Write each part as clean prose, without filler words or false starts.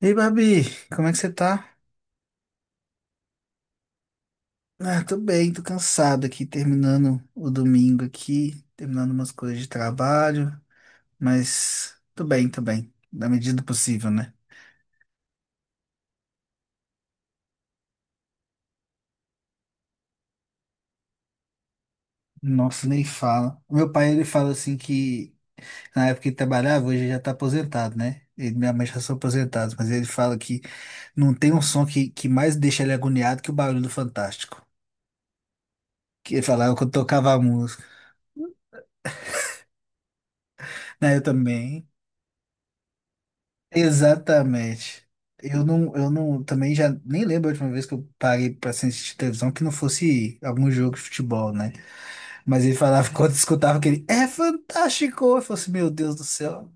Ei, Babi, como é que você tá? Ah, tô bem, tô cansado aqui, terminando o domingo aqui, terminando umas coisas de trabalho, mas tô bem, na medida do possível, né? Nossa, nem fala. O meu pai, ele fala assim que na época que ele trabalhava, hoje ele já tá aposentado, né? Ele e minha mãe já são aposentados, mas ele fala que não tem um som que mais deixa ele agoniado que o barulho do Fantástico. Que ele falava que eu tocava a música. Né, eu também. Exatamente. Eu não, também já nem lembro a última vez que eu parei pra assistir televisão que não fosse algum jogo de futebol, né? Mas ele falava, quando escutava aquele, é fantástico! Eu falei assim, meu Deus do céu,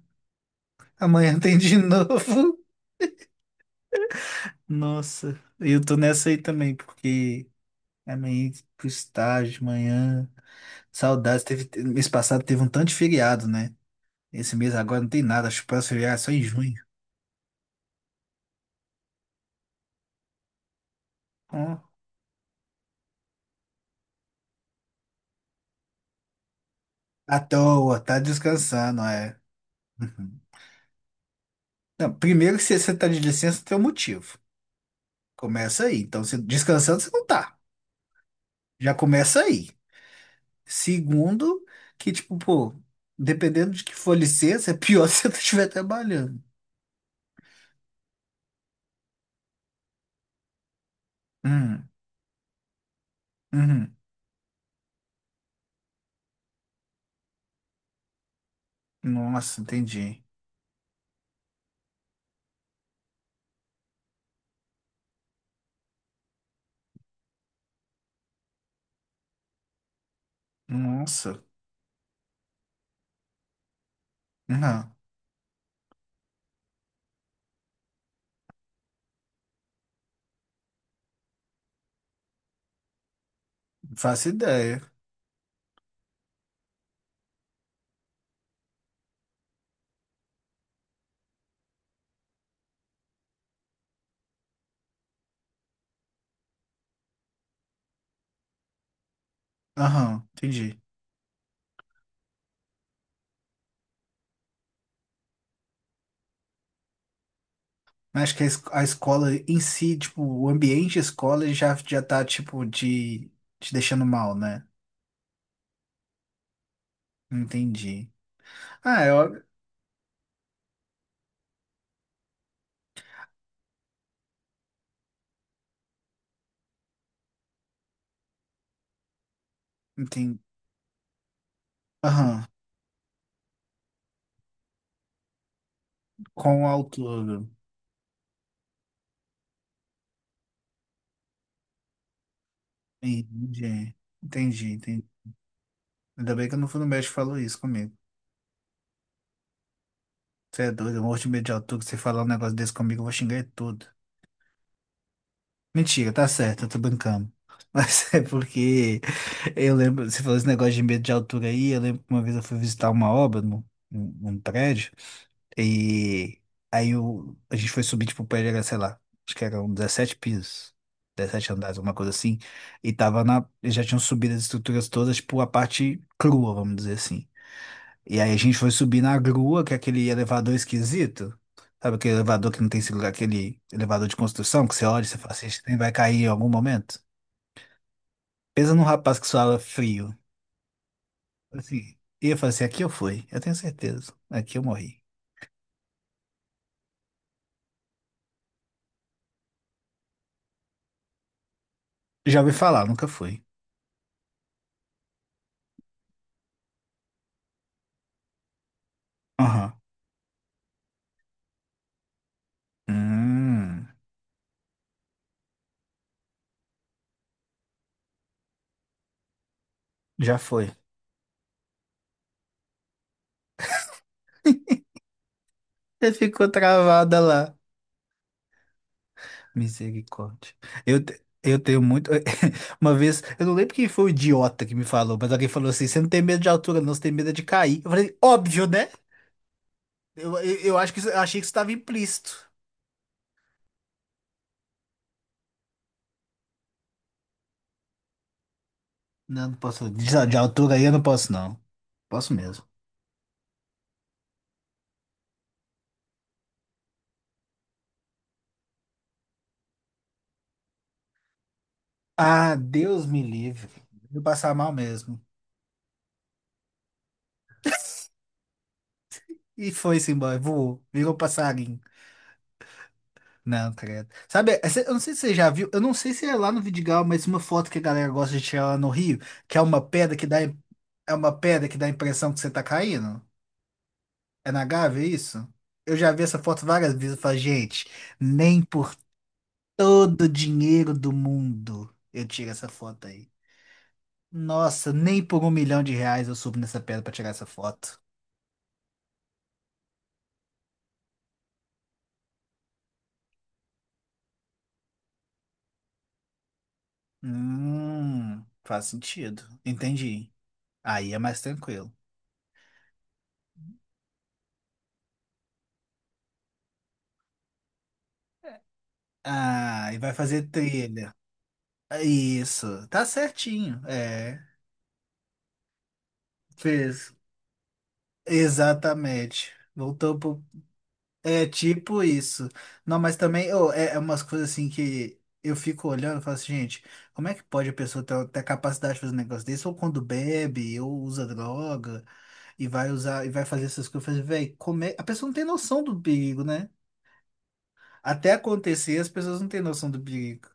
amanhã tem de novo. Nossa, eu tô nessa aí também, porque amanhã pro estágio, amanhã, saudades. Teve, mês passado teve um tanto de feriado, né? Esse mês agora não tem nada, acho que o próximo feriado é só em junho. Ó, à toa, tá descansando, é. Não, primeiro, se você está de licença, tem um motivo. Começa aí. Então, se descansando, você não tá. Já começa aí. Segundo, que tipo, pô, dependendo de que for licença, é pior se você estiver trabalhando. Hum, uhum. Nossa, entendi. Nossa. Não, não faço ideia. Aham, entendi. Mas acho que a escola em si, tipo, o ambiente escola já tá, tipo, de, te deixando mal, né? Entendi. Ah, eu entendi. Com o autor. Entendi. Entendi, entendi. Ainda bem que eu não fui no médico e falou isso comigo. Você é doido, eu morro de medo de autor, que você falar um negócio desse comigo, eu vou xingar ele tudo. Mentira, tá certo, eu tô brincando. Mas é porque eu lembro, você falou esse negócio de medo de altura aí, eu lembro que uma vez eu fui visitar uma obra num, num prédio, e aí a gente foi subir, tipo, o prédio era, sei lá, acho que eram 17 pisos, 17 andares, alguma coisa assim, e tava eles já tinham subido as estruturas todas, tipo, a parte crua, vamos dizer assim. E aí a gente foi subir na grua, que é aquele elevador esquisito. Sabe aquele elevador que não tem seguro, aquele elevador de construção, que você olha e você fala assim, "Esse trem vai cair em algum momento?" Pensa num rapaz que suava frio. Assim, e eu falei assim, aqui eu fui, eu tenho certeza. Aqui eu morri. Já ouvi falar, nunca fui. Aham. Hum, já foi. Você ficou travada lá. Misericórdia. Eu tenho muito. Uma vez, eu não lembro quem foi o idiota que me falou, mas alguém falou assim: você não tem medo de altura, não, você tem medo é de cair. Eu falei, óbvio, né? Eu achei que isso estava implícito. Não, não posso. De altura aí eu não posso, não. Posso mesmo. Ah, Deus me livre. Eu ia passar mal mesmo. E foi-se embora, voou, virou passarinho. Não, credo. Sabe, eu não sei se você já viu, eu não sei se é lá no Vidigal, mas uma foto que a galera gosta de tirar lá no Rio, que é uma pedra que dá, é uma pedra que dá a impressão que você tá caindo. É na Gávea, é isso? Eu já vi essa foto várias vezes e falo, gente, nem por todo o dinheiro do mundo eu tiro essa foto aí. Nossa, nem por 1 milhão de reais eu subo nessa pedra pra tirar essa foto. Faz sentido. Entendi. Aí é mais tranquilo. Ah, e vai fazer trilha. Isso, tá certinho. É, fez. Exatamente. Voltou pro. É tipo isso. Não, mas também ô, é umas coisas assim que eu fico olhando e falo assim, gente, como é que pode a pessoa ter a capacidade de fazer um negócio desse? Ou quando bebe, ou usa droga, e vai usar, e vai fazer essas coisas, velho, comer. A pessoa não tem noção do perigo, né? Até acontecer, as pessoas não têm noção do perigo.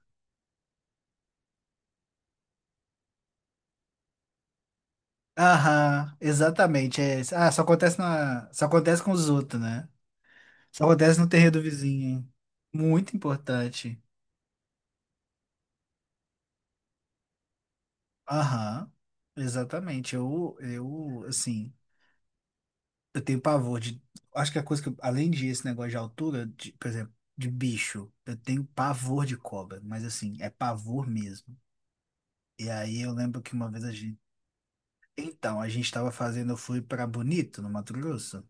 Aham, exatamente. É, isso. Só acontece com os outros, né? Só acontece no terreiro do vizinho. Muito importante. Aham, exatamente. Eu, assim, eu tenho pavor de. Acho que a coisa além de esse negócio de altura, de, por exemplo, de bicho, eu tenho pavor de cobra, mas assim, é pavor mesmo. E aí eu lembro que uma vez a gente. Então, a gente tava fazendo, eu fui pra Bonito, no Mato Grosso.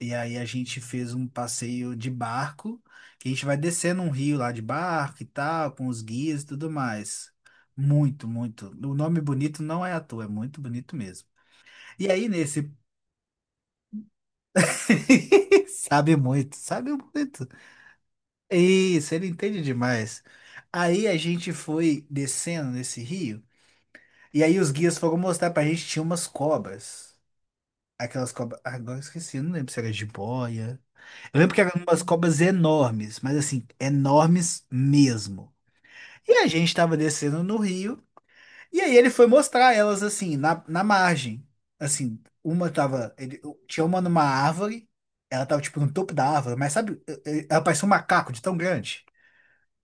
E aí a gente fez um passeio de barco, que a gente vai descendo um rio lá de barco e tal, com os guias e tudo mais. Muito, muito. O nome bonito não é à toa, é muito bonito mesmo. E aí nesse sabe muito, sabe muito. Isso, ele entende demais. Aí a gente foi descendo nesse rio, e aí os guias foram mostrar pra gente tinha umas cobras. Aquelas cobras, agora eu esqueci, eu não lembro se era jiboia. Eu lembro que eram umas cobras enormes, mas assim, enormes mesmo. E a gente tava descendo no rio, e aí ele foi mostrar elas assim, na margem. Assim, uma tava. Tinha uma numa árvore, ela tava tipo no topo da árvore, mas sabe, ela parecia um macaco de tão grande.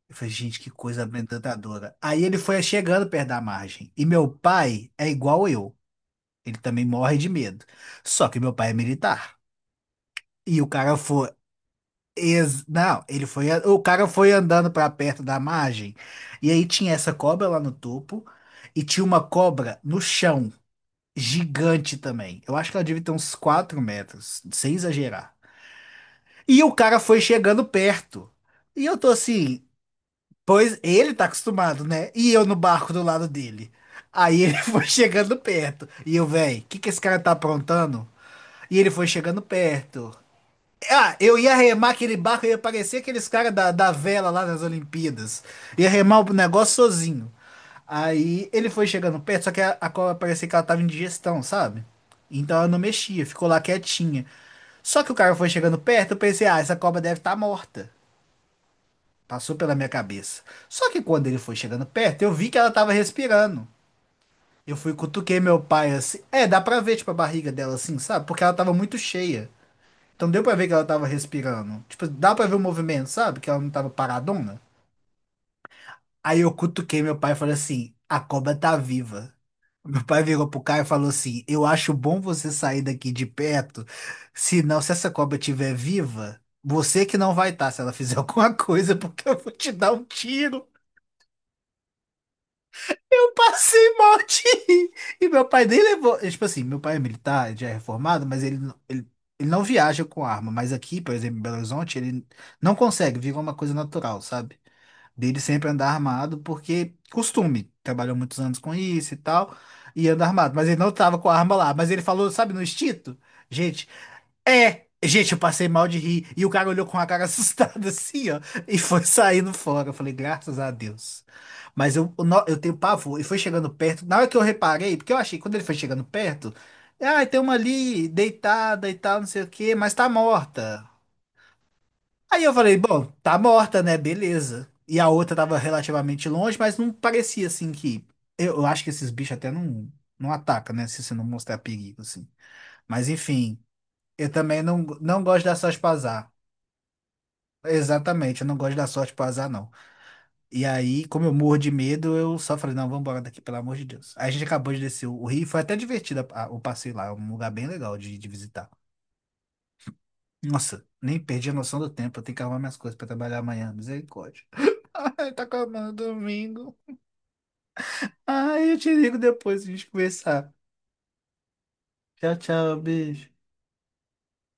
Eu falei, gente, que coisa amedrontadora. Aí ele foi chegando perto da margem. E meu pai é igual eu. Ele também morre de medo. Só que meu pai é militar. E o cara foi. Não, ele foi, o cara foi andando pra perto da margem e aí tinha essa cobra lá no topo e tinha uma cobra no chão, gigante também. Eu acho que ela devia ter uns 4 metros, sem exagerar. E o cara foi chegando perto. E eu tô assim, pois ele tá acostumado, né? E eu no barco do lado dele. Aí ele foi chegando perto. E eu, véi, o que que esse cara tá aprontando? E ele foi chegando perto. Ah, eu ia remar aquele barco, eu ia parecer aqueles caras da vela lá nas Olimpíadas. Ia remar o negócio sozinho. Aí ele foi chegando perto, só que a cobra parecia que ela tava em digestão, sabe? Então ela não mexia, ficou lá quietinha. Só que o cara foi chegando perto, eu pensei, ah, essa cobra deve estar morta. Passou pela minha cabeça. Só que quando ele foi chegando perto, eu vi que ela tava respirando. Eu fui, cutuquei meu pai assim. É, dá pra ver, tipo, a barriga dela assim, sabe? Porque ela tava muito cheia. Então deu pra ver que ela tava respirando. Tipo, dá pra ver o movimento, sabe? Que ela não tava paradona. Aí eu cutuquei meu pai e falei assim: a cobra tá viva. Meu pai virou pro cara e falou assim: eu acho bom você sair daqui de perto, senão se essa cobra estiver viva, você que não vai estar se ela fizer alguma coisa, porque eu vou te dar um tiro. Passei mal de rir. E meu pai nem levou. É, tipo assim, meu pai é militar, já é reformado, mas ele não viaja com arma. Mas aqui, por exemplo, em Belo Horizonte, ele não consegue, virou uma coisa natural, sabe? Dele sempre andar armado, porque costume. Trabalhou muitos anos com isso e tal, e anda armado. Mas ele não tava com a arma lá. Mas ele falou, sabe, no instinto? Gente, gente, eu passei mal de rir. E o cara olhou com a cara assustada assim, ó, e foi saindo fora. Eu falei, graças a Deus. Mas eu no- eu tenho pavor. E foi chegando perto. Na hora que eu reparei, porque eu achei, que quando ele foi chegando perto, tem uma ali deitada e tal, não sei o quê, mas tá morta. Aí eu falei, bom, tá morta, né? Beleza. E a outra tava relativamente longe, mas não parecia assim que. Eu acho que esses bichos até não, não, atacam, né? Se você não mostrar perigo, assim. Mas enfim. Eu também não gosto da sorte pro azar. Exatamente, eu não gosto da sorte pro azar, não. E aí, como eu morro de medo, eu só falei, não, vamos embora daqui, pelo amor de Deus. Aí a gente acabou de descer o rio, foi até divertido o passeio lá, é um lugar bem legal de visitar. Nossa, nem perdi a noção do tempo, eu tenho que arrumar minhas coisas pra trabalhar amanhã, misericórdia. Ai, tá acabando o domingo. Ai, eu te ligo depois pra gente conversar. Tchau, tchau, beijo.